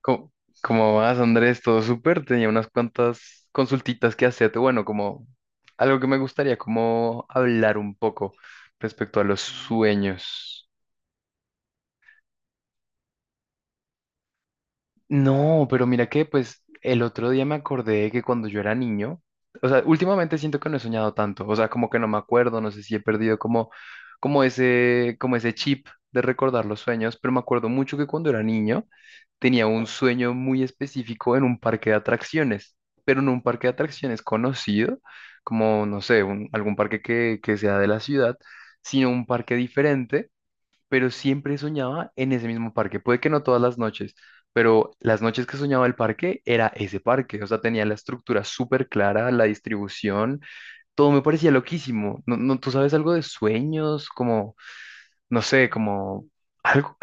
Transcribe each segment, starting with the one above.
Co- ¿Cómo vas, Andrés? ¿Todo súper? Tenía unas cuantas consultitas que hacerte. Bueno, como algo que me gustaría, como hablar un poco respecto a los sueños. No, pero mira que pues el otro día me acordé que cuando yo era niño, o sea, últimamente siento que no he soñado tanto, o sea, como que no me acuerdo, no sé si he perdido como, como ese chip de recordar los sueños, pero me acuerdo mucho que cuando era niño tenía un sueño muy específico en un parque de atracciones, pero en un parque de atracciones conocido, como, no sé, algún parque que sea de la ciudad, sino un parque diferente, pero siempre soñaba en ese mismo parque. Puede que no todas las noches, pero las noches que soñaba el parque era ese parque, o sea, tenía la estructura súper clara, la distribución, todo me parecía loquísimo. No, no, ¿tú sabes algo de sueños? Como, no sé, como algo.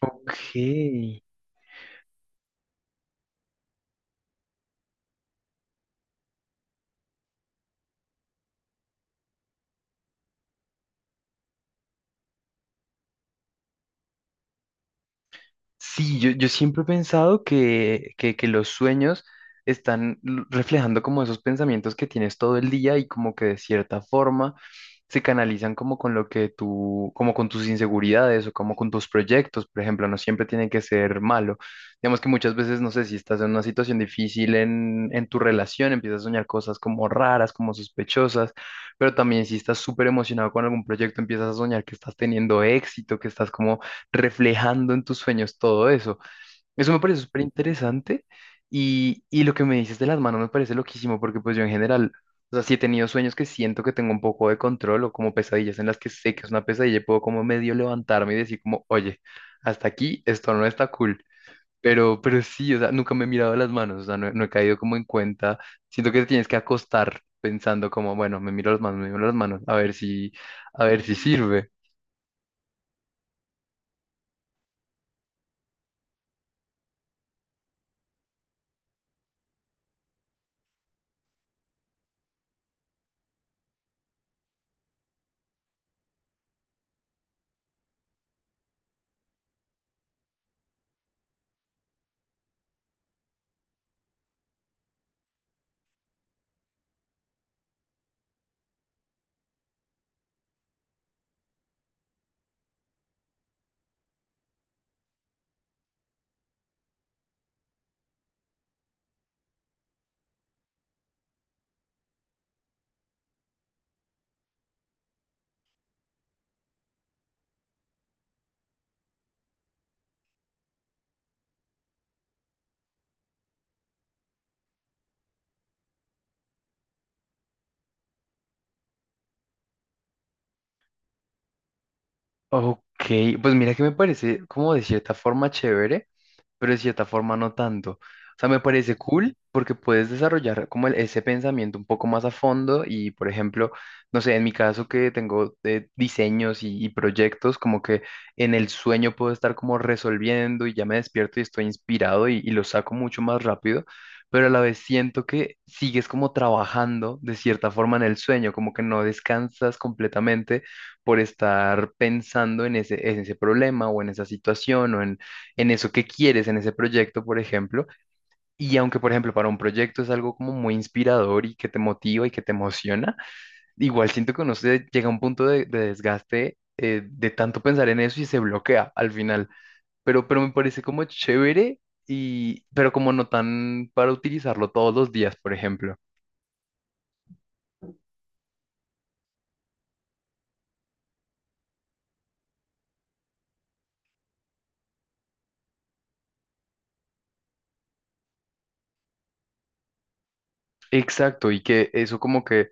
Ok. Sí, yo siempre he pensado que los sueños están reflejando como esos pensamientos que tienes todo el día y como que de cierta forma se canalizan como con lo que tú, como con tus inseguridades o como con tus proyectos, por ejemplo, no siempre tienen que ser malo. Digamos que muchas veces, no sé, si estás en una situación difícil en tu relación, empiezas a soñar cosas como raras, como sospechosas, pero también si estás súper emocionado con algún proyecto, empiezas a soñar que estás teniendo éxito, que estás como reflejando en tus sueños todo eso. Eso me parece súper interesante y lo que me dices de las manos me parece loquísimo porque pues yo en general, o sea, si he tenido sueños que siento que tengo un poco de control o como pesadillas en las que sé que es una pesadilla y puedo como medio levantarme y decir como, oye, hasta aquí esto no está cool. Pero sí, o sea, nunca me he mirado las manos, o sea, no, no he caído como en cuenta. Siento que te tienes que acostar pensando como, bueno, me miro las manos, me miro las manos, a ver si sirve. Ok, pues mira que me parece como de cierta forma chévere, pero de cierta forma no tanto. O sea, me parece cool porque puedes desarrollar como ese pensamiento un poco más a fondo y, por ejemplo, no sé, en mi caso que tengo diseños y proyectos, como que en el sueño puedo estar como resolviendo y ya me despierto y estoy inspirado y lo saco mucho más rápido, pero a la vez siento que sigues como trabajando de cierta forma en el sueño, como que no descansas completamente por estar pensando en ese problema o en esa situación o en eso que quieres, en ese proyecto, por ejemplo. Y aunque, por ejemplo, para un proyecto es algo como muy inspirador y que te motiva y que te emociona, igual siento que uno se llega a un punto de desgaste de tanto pensar en eso y se bloquea al final. Pero me parece como chévere y, pero como no tan para utilizarlo todos los días, por ejemplo. Exacto, y que eso como que,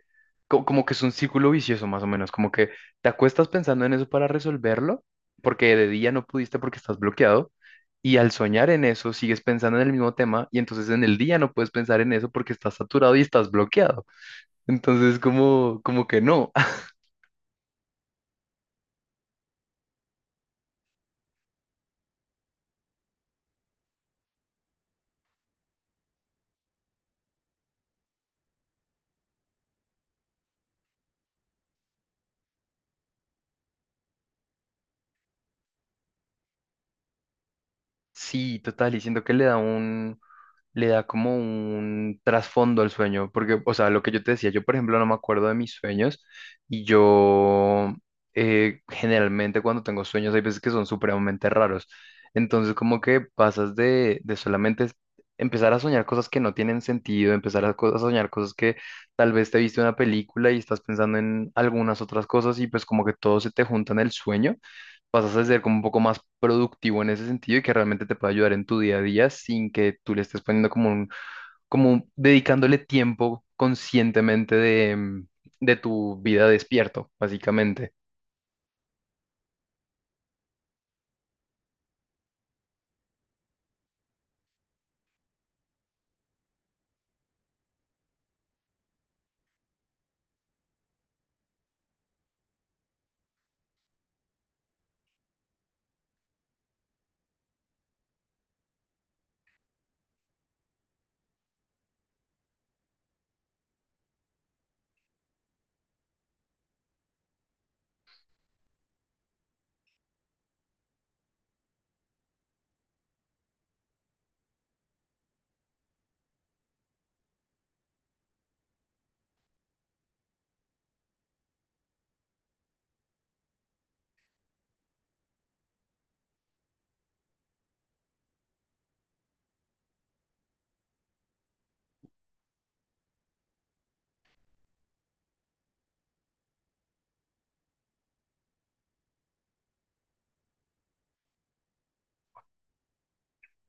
co- como que es un círculo vicioso más o menos, como que te acuestas pensando en eso para resolverlo, porque de día no pudiste porque estás bloqueado, y al soñar en eso sigues pensando en el mismo tema, y entonces en el día no puedes pensar en eso porque estás saturado y estás bloqueado. Entonces como, como que no. Sí, total, y siento que le da como un trasfondo al sueño, porque, o sea, lo que yo te decía, yo por ejemplo no me acuerdo de mis sueños y yo generalmente cuando tengo sueños hay veces que son supremamente raros, entonces como que pasas de solamente empezar a soñar cosas que no tienen sentido, empezar a soñar cosas que tal vez te viste una película y estás pensando en algunas otras cosas y pues como que todo se te junta en el sueño. Pasas a ser como un poco más productivo en ese sentido y que realmente te pueda ayudar en tu día a día sin que tú le estés poniendo dedicándole tiempo conscientemente de, de tu vida despierto, básicamente.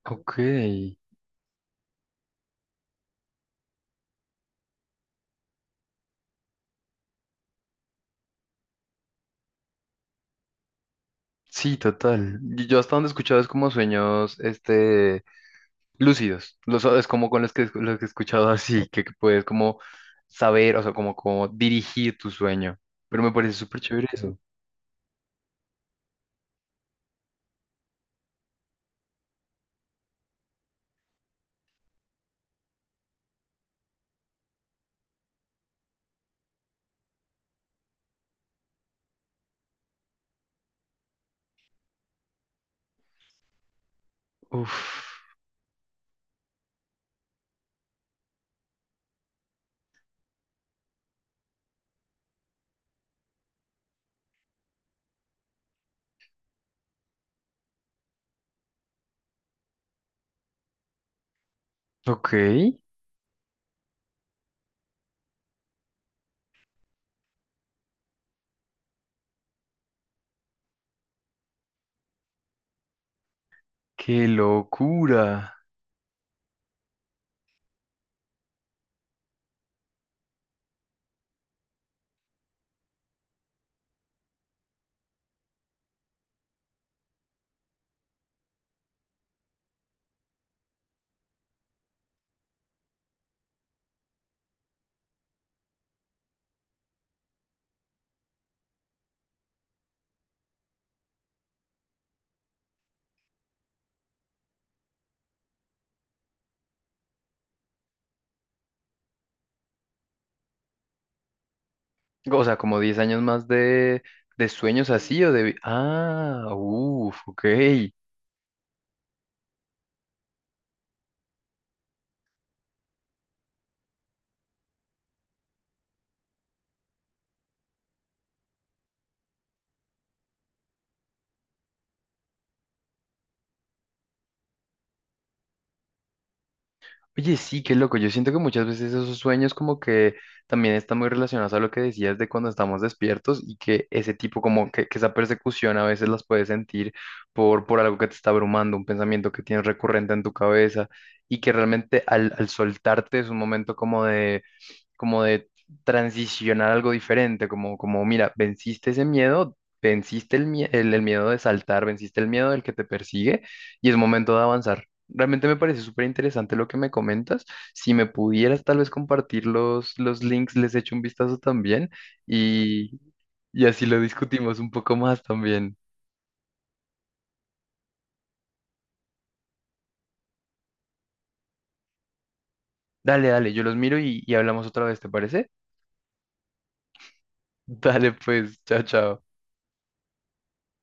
Ok, sí, total. Y yo hasta donde he escuchado es como sueños, este, lúcidos. Es como con los que, he escuchado así, que puedes como saber, o sea, como, como dirigir tu sueño. Pero me parece súper chévere eso. Uf, ok. Qué locura. O sea, como 10 años más de sueños así o Ah, uff, ok. Oye, sí, qué loco. Yo siento que muchas veces esos sueños como que también están muy relacionados a lo que decías de cuando estamos despiertos y que ese tipo como que esa persecución a veces las puedes sentir por algo que te está abrumando, un pensamiento que tienes recurrente en tu cabeza y que realmente al soltarte es un momento como de transicionar algo diferente, como, mira, venciste ese miedo, venciste el miedo de saltar, venciste el miedo del que te persigue y es momento de avanzar. Realmente me parece súper interesante lo que me comentas. Si me pudieras tal vez compartir los links, les echo un vistazo también y, y así lo discutimos un poco más también. Dale, dale, yo los miro y hablamos otra vez, ¿te parece? Dale, pues, chao, chao.